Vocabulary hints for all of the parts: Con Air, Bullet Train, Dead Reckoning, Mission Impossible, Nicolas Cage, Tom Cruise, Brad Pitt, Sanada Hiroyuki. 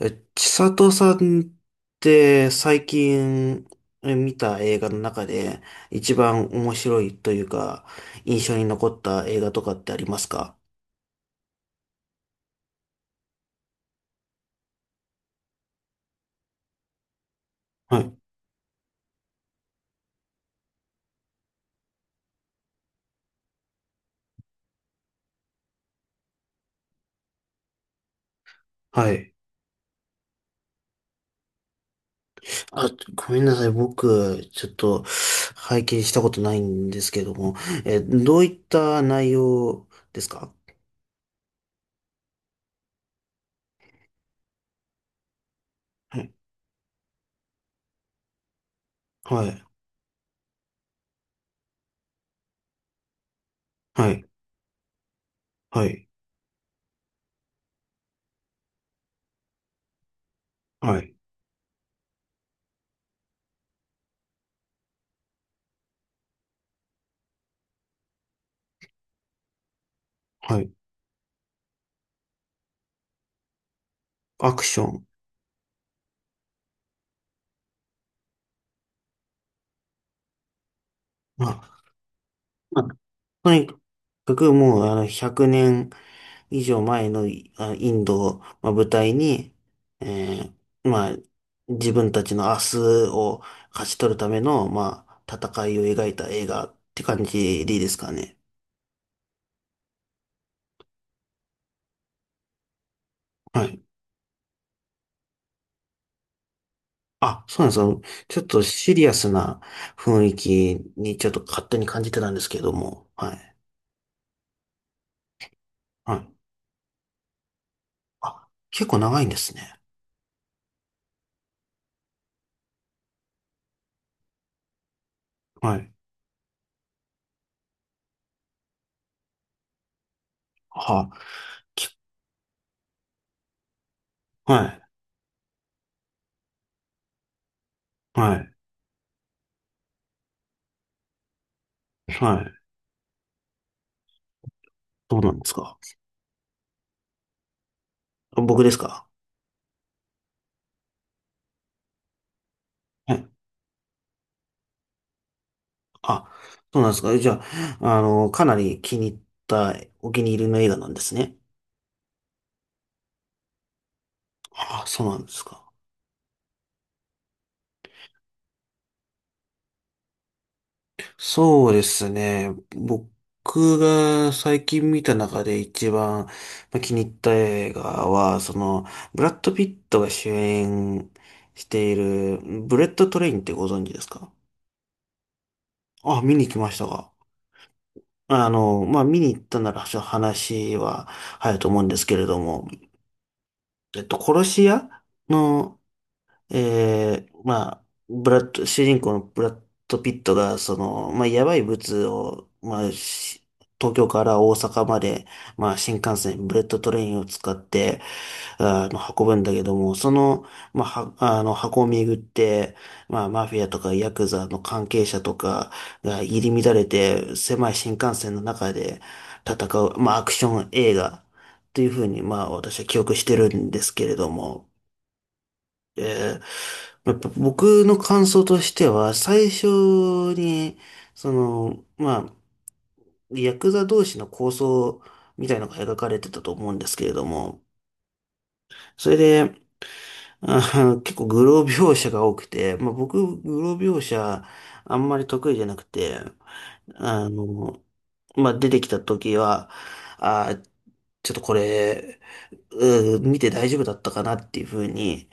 千里さんって最近見た映画の中で一番面白いというか印象に残った映画とかってありますか？はい。はい。あ、ごめんなさい。僕、ちょっと拝見したことないんですけども、どういった内容ですか？はい。はい。はい。はい。はい。はい。アクション。まあ、まあとにかくもうあの100年以上前のインドを、まあ、舞台に、えまあ、自分たちの明日を勝ち取るための、まあ、戦いを描いた映画って感じでいいですかね。はい。あ、そうなんですよ。ちょっとシリアスな雰囲気にちょっと勝手に感じてたんですけども。はい。はい。あ、結構長いんですね。はい。はあ、きはい。はい。はい。どうなんですか？僕ですか？はい。あ、そうなんですか。じゃあ、かなり気に入った、お気に入りの映画なんですね。あ、そうなんですか。そうですね。僕が最近見た中で一番気に入った映画は、ブラッド・ピットが主演している、ブレット・トレインってご存知ですか？あ、見に行きましたが。見に行ったなら、ちょっと話は早いと思うんですけれども、殺し屋のまあ、ブラッド、主人公のブラッド・ピットが、まあ、やばい物を、まあ、東京から大阪まで、まあ、新幹線、ブレットトレインを使って、運ぶんだけども、その、まあ、は、あの、箱を巡って、まあ、マフィアとかヤクザの関係者とかが入り乱れて、狭い新幹線の中で戦う、まあ、アクション映画というふうに、まあ、私は記憶してるんですけれども、えやっぱ僕の感想としては、最初に、まあ、ヤクザ同士の抗争みたいのが描かれてたと思うんですけれども、それで、結構グロ描写が多くて、まあ僕、グロ描写あんまり得意じゃなくて、あの、まあ出てきた時は、あー、ちょっとこれ、見て大丈夫だったかなっていうふうに、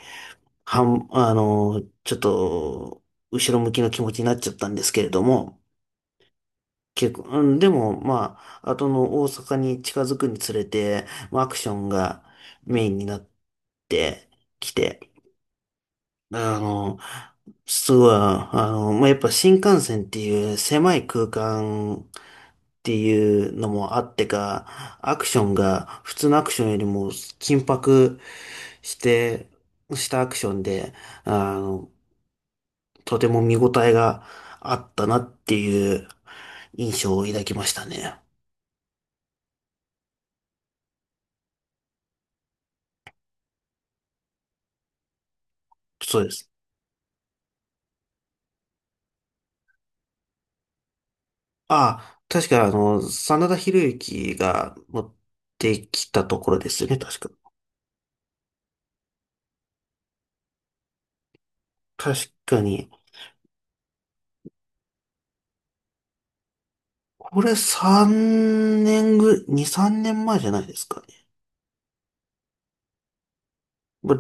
はん、あの、ちょっと、後ろ向きの気持ちになっちゃったんですけれども、結構、うん、でも、まあ、後の大阪に近づくにつれて、まあアクションがメインになってきて、あの、すごい、まあ、やっぱ新幹線っていう狭い空間っていうのもあってか、アクションが普通のアクションよりも緊迫して、したアクションで、あの、とても見応えがあったなっていう印象を抱きましたね。そうです。ああ、確か真田広之が持ってきたところですよね、確か。確かに。これ3年ぐ、2、3年前じゃないですかね。ま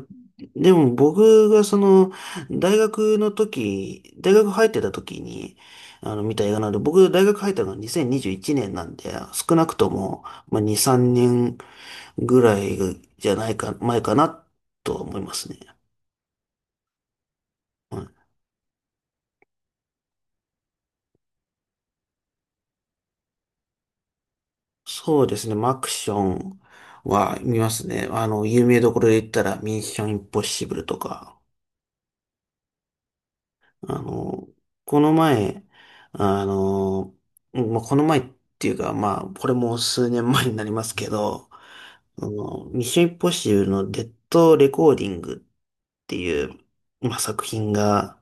でも僕がその、大学入ってた時に、見た映画なんで、僕大学入ったのが2021年なんで、少なくとも、まあ、2、3年ぐらいじゃないか、前かなとは思いますね。うんそうですね。マクションは見ますね。有名どころで言ったら、ミッションインポッシブルとか、あの、この前、あの、この前っていうか、まあ、これも数年前になりますけど、ミッションインポッシブルのデッドレコーディングっていう、まあ、作品が、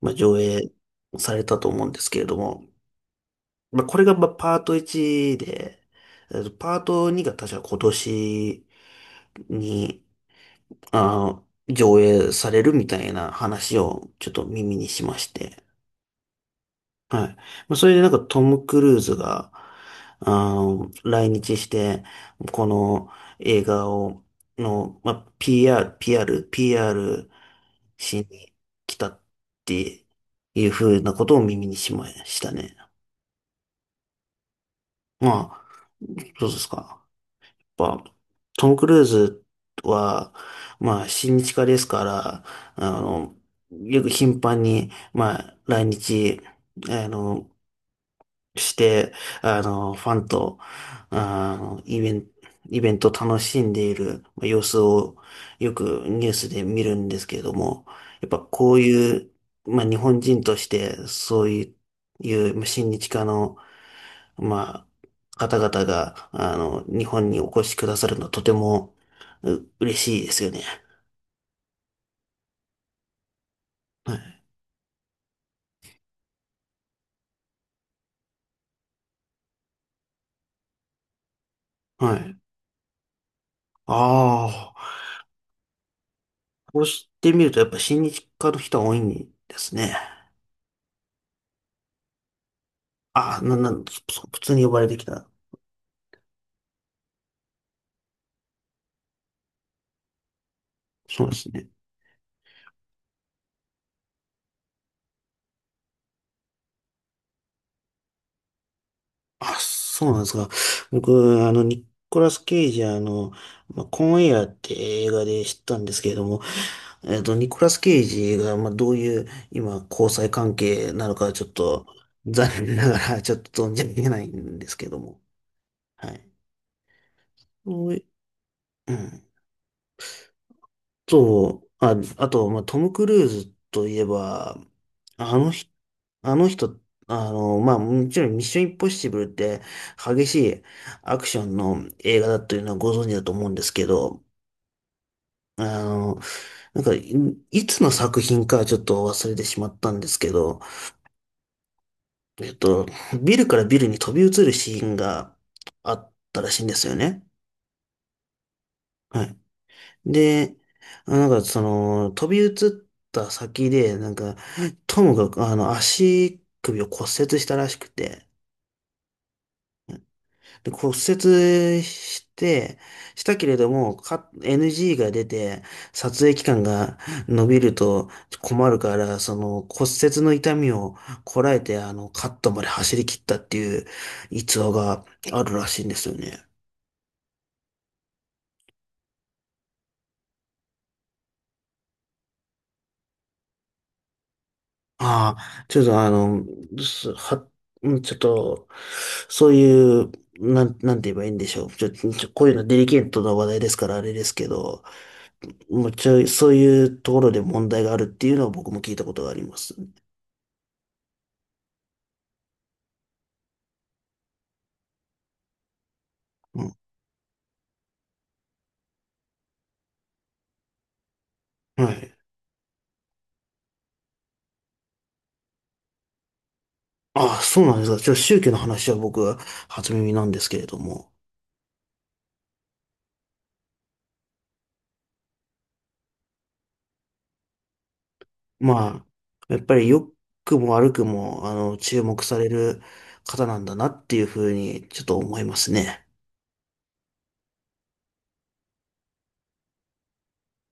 まあ、上映されたと思うんですけれども、まあ、これがまあパート1で、パート2が確か今年に、あ上映されるみたいな話をちょっと耳にしまして。はい。まあ、それでなんかトム・クルーズが、来日して、この映画を、まあ、PR しに来たっていうふうなことを耳にしましたね。まあ、どうですか？やっぱ、トム・クルーズは、まあ、親日家ですから、あの、よく頻繁に、まあ、来日、あの、して、ファンと、あの、イベント、イベントを楽しんでいるまあ様子をよくニュースで見るんですけれども、やっぱこういう、まあ日本人としてそういうまあ親日家のまあ、方々が、日本にお越しくださるのはとても、嬉しいですよね。はい。はい。ああ、こうしてみると、やっぱ親日家の人は多いんですね。ああ、な、なん、そそ普通に呼ばれてきた。そうですね。あ、そうなんですか。僕、ニコラス・ケイジ、まあ、コンエアって映画で知ったんですけれども、ニコラス・ケイジが、まあ、どういう、今、交際関係なのか、ちょっと、残念ながら、ちょっと存じ上げないんですけども。はい。おいうん。あと、まあ、トム・クルーズといえば、あのあの人、まあ、もちろんミッションインポッシブルって激しいアクションの映画だというのはご存知だと思うんですけど、あの、なんか、いつの作品かちょっと忘れてしまったんですけど、えっと、ビルからビルに飛び移るシーンがあったらしいんですよね。はい。で、なんかその、飛び移った先で、なんか、トムが、足首を骨折したらしくて、で、骨折して、したけれども、NG が出て、撮影期間が伸びると困るから、その骨折の痛みをこらえて、カットまで走り切ったっていう逸話があるらしいんですよね。ああ、ちょっとすは、うんちょっと、そういう、なんて言えばいいんでしょう。ちょ、ちょ、こういうのデリケートな話題ですから、あれですけど、もちろそういうところで問題があるっていうのは僕も聞いたことがあります。うん。はい。ああ、そうなんですか。宗教の話は僕は初耳なんですけれども。まあ、やっぱり良くも悪くも、注目される方なんだなっていうふうに、ちょっと思いますね。